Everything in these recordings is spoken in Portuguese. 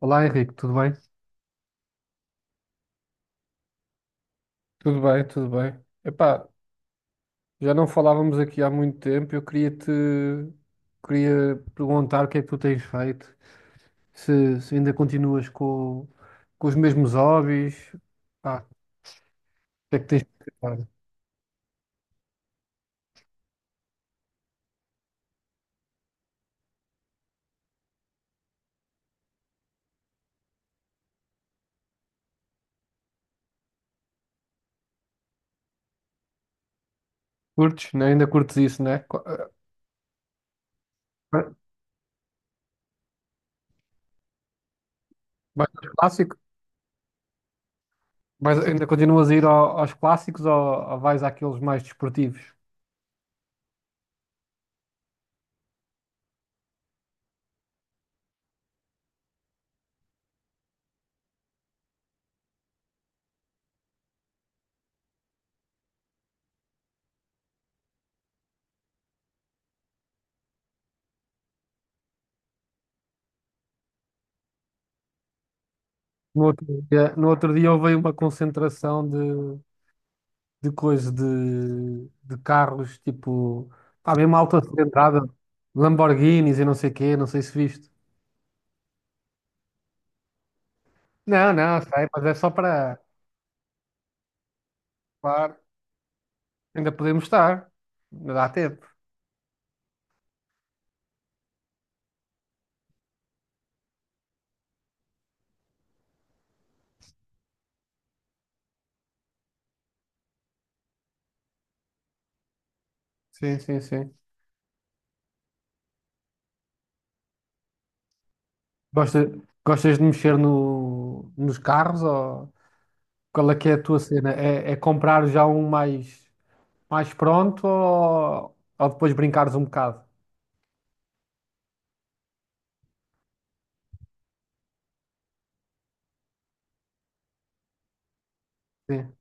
Olá Henrique, tudo bem? Tudo bem, tudo bem. Epá, já não falávamos aqui há muito tempo. Eu queria perguntar o que é que tu tens feito, se ainda continuas com os mesmos hobbies, pá, o que é que tens feito? Curtes, né? Ainda curtes isso, né? Mais aos clássicos? Mas ainda continuas a ir aos clássicos ou vais àqueles mais desportivos? No outro dia houve aí uma concentração de de carros, tipo, pá, mesmo alta cilindrada, Lamborghinis e não sei quê, não sei se viste. Não, não, sei, mas é só para, claro, ainda podemos estar, ainda dá tempo. Sim, sim, sim. Gosta, gostas de mexer no, nos carros ou qual é que é a tua cena? É comprar já um mais, mais pronto ou depois brincares um bocado? Sim.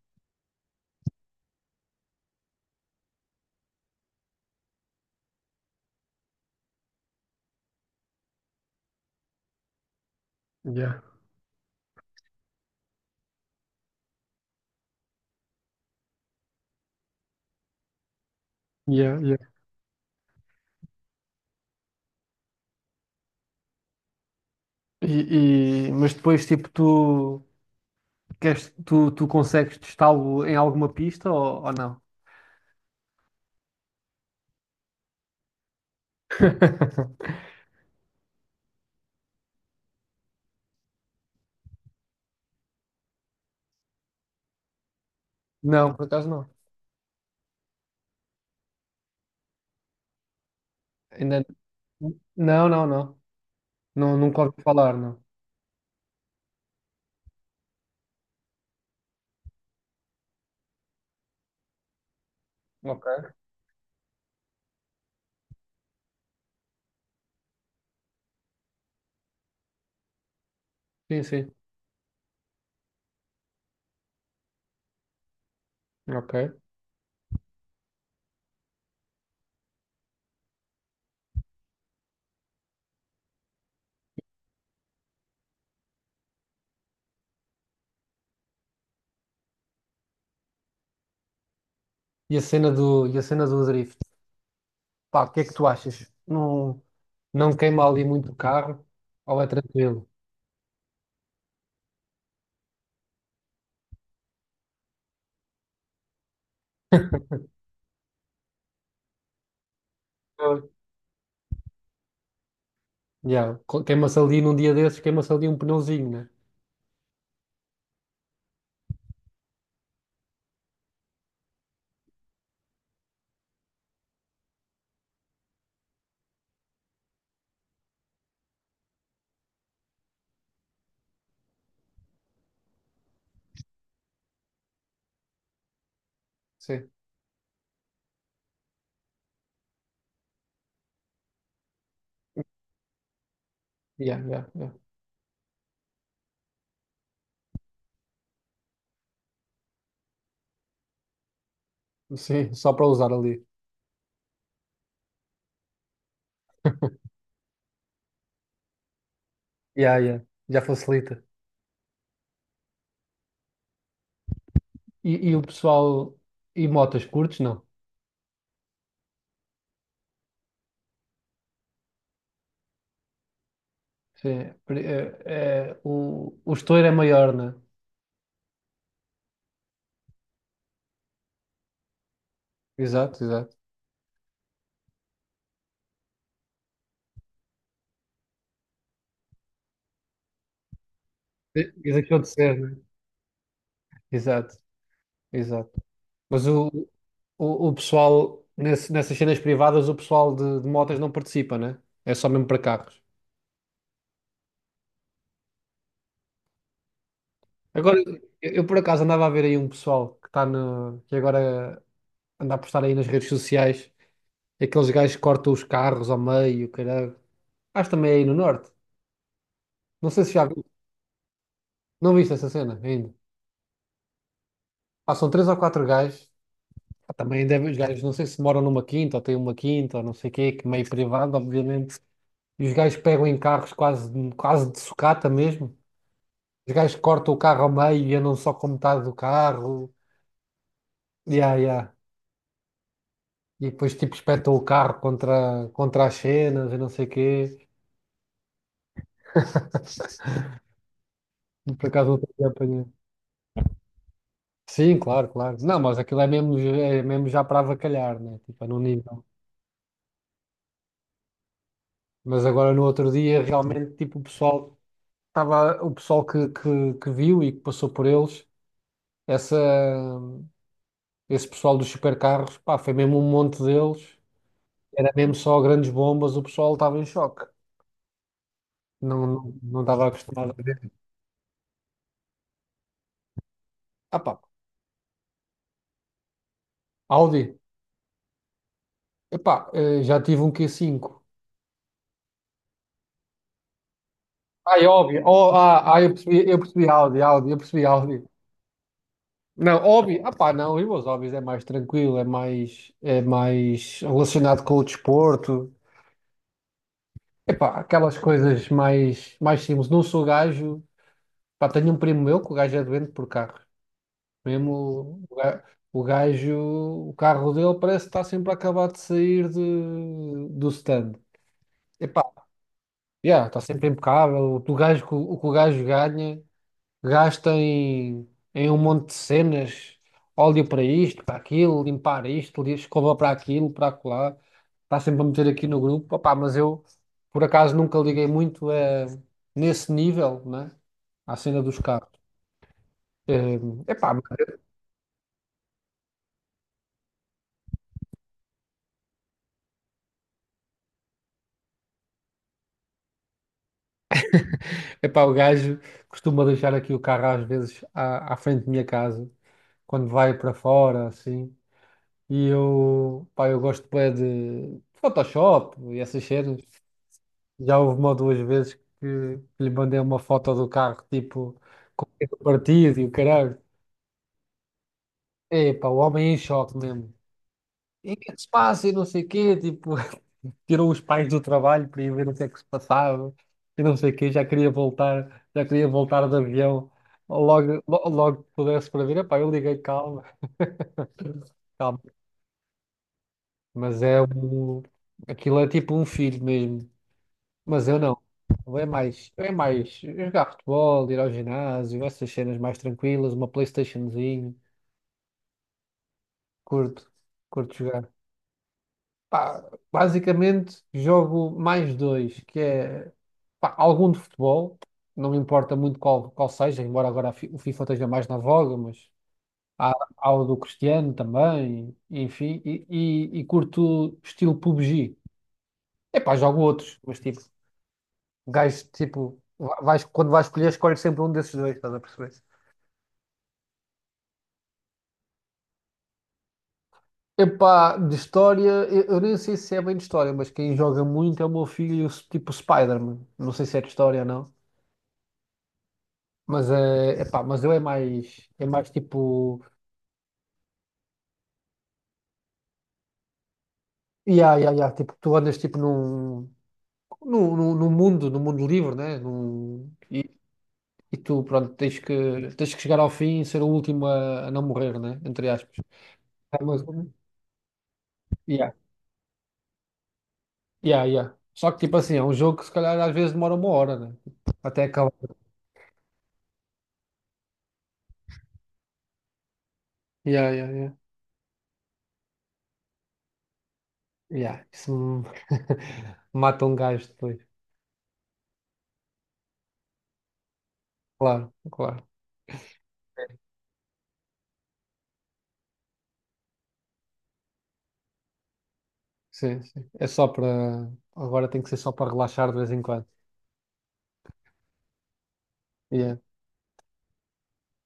Yeah. Yeah, yeah. Mas depois, tipo, tu consegues testá-lo em alguma pista ou não? Não, por acaso não. Ainda... Não, não, não. Não, nunca ouvi falar, não. Ok. Sim, sim. Ok. E a cena do, e a cena do drift? Pá, o que é que tu achas? Não, não queima ali muito o carro ou é tranquilo? Pois. Yeah. Queima-se ali num dia desses, queima-se ali um pneuzinho, né? Sim. Yeah, yeah, yeah. Sim, só para usar ali. Yeah, yeah. Já facilita. E o pessoal, e motas curtes, não? Sim, o estouro é maior, né? Exato, exato. Diz diz aquilo de ser, né? Exato, exato. Mas o pessoal, nessas cenas privadas, o pessoal de motas não participa, né? É só mesmo para carros. Agora, eu por acaso andava a ver aí um pessoal que está no, que agora anda a postar aí nas redes sociais, aqueles gajos que cortam os carros ao meio, caralho. Acho também é aí no norte. Não sei se já vi, não viste essa cena ainda. Passam três ou quatro gajos. Pá, também deve, os gajos, não sei se moram numa quinta ou têm uma quinta ou não sei o quê, que meio privado, obviamente. E os gajos pegam em carros quase, quase de sucata mesmo. Os gajos cortam o carro ao meio e andam só com metade do carro. Yeah, yeah. E depois tipo espetam o carro contra, contra as cenas e não sei o quê. Por acaso não tenho apanhado. Sim, claro, claro. Não, mas aquilo é mesmo já para avacalhar, né? Tipo, é num nível. Mas agora no outro dia realmente tipo o pessoal que, que viu e que passou por eles essa, esse pessoal dos supercarros, pá, foi mesmo um monte deles, era mesmo só grandes bombas, o pessoal estava em choque, não, não, não estava acostumado a ver. Ah, pá, Audi, já tive um Q5. Ah, é Óbvio, oh, ah, ah, eu percebi Audi, Audi, eu percebi Audi. Não, Óbvio, ah pá, não, e os Óbvios é mais tranquilo, é mais relacionado com o desporto. Epá, aquelas coisas mais, mais simples. Não sou gajo, pá, tenho um primo meu que o gajo é doente por carros. Mesmo o ga- o gajo, o carro dele parece que está sempre acabado de sair de, do stand. Epá, yeah, está sempre impecável. O que o gajo, o que o gajo ganha, gasta em, em um monte de cenas, óleo para isto, para aquilo, limpar isto, escova para aquilo, para acolá. Está sempre a meter aqui no grupo. Opá, mas eu, por acaso, nunca liguei muito a, nesse nível, né? À cena dos carros. É, epá, epá, o gajo costuma deixar aqui o carro às vezes à, à frente da minha casa, quando vai para fora, assim. E eu, pá, eu gosto bué de Photoshop e essas cenas. Já houve uma ou duas vezes que lhe mandei uma foto do carro, tipo, com o dedo partido e o caralho. Epá, o homem é em choque mesmo. E o que é que se passa? E não sei o quê, tipo. Tirou os pais do trabalho para ir ver o que é que se passava e não sei o quê, já queria voltar de avião, logo, logo que pudesse para vir, epá, eu liguei, calma, calma, mas é um, aquilo é tipo um filho mesmo, mas eu não, eu é mais jogar futebol, ir ao ginásio, essas cenas mais tranquilas, uma PlayStationzinho, curto, curto jogar. Pá, basicamente jogo mais dois, que é pá, algum de futebol, não me importa muito qual, qual seja, embora agora a o FIFA esteja mais na voga, mas há, há o do Cristiano também, enfim, e curto estilo PUBG. Epá, jogo outros, mas tipo, gajos, tipo, vais, quando vais escolher, escolhes sempre um desses dois, estás a perceber? Epá, de história, eu nem sei se é bem de história, mas quem joga muito é o meu filho, tipo Spider-Man. Não sei se é de história ou não. Mas é, epá, mas eu é mais tipo, yeah, yeah, yeah, tipo, tu andas tipo num, num mundo livre, né? Num, e tu, pronto, tens que chegar ao fim e ser o último a não morrer, né? Entre aspas. É, mas, yeah, yeah, yeah. Só que tipo assim, é um jogo que se calhar às vezes demora uma hora, né? Até acabar. Yeah, yeah, yeah. Yeah, isso mata um gajo depois. Claro, claro. Sim, sim. É só para. Agora tem que ser só para relaxar de vez em quando.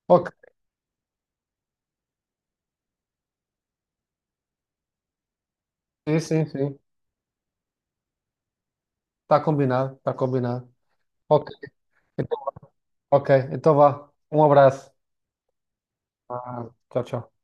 Ok, sim, sim, sim. Está combinado, está combinado. Ok, então, ok, então vá. Um abraço. Ah, tchau, tchau.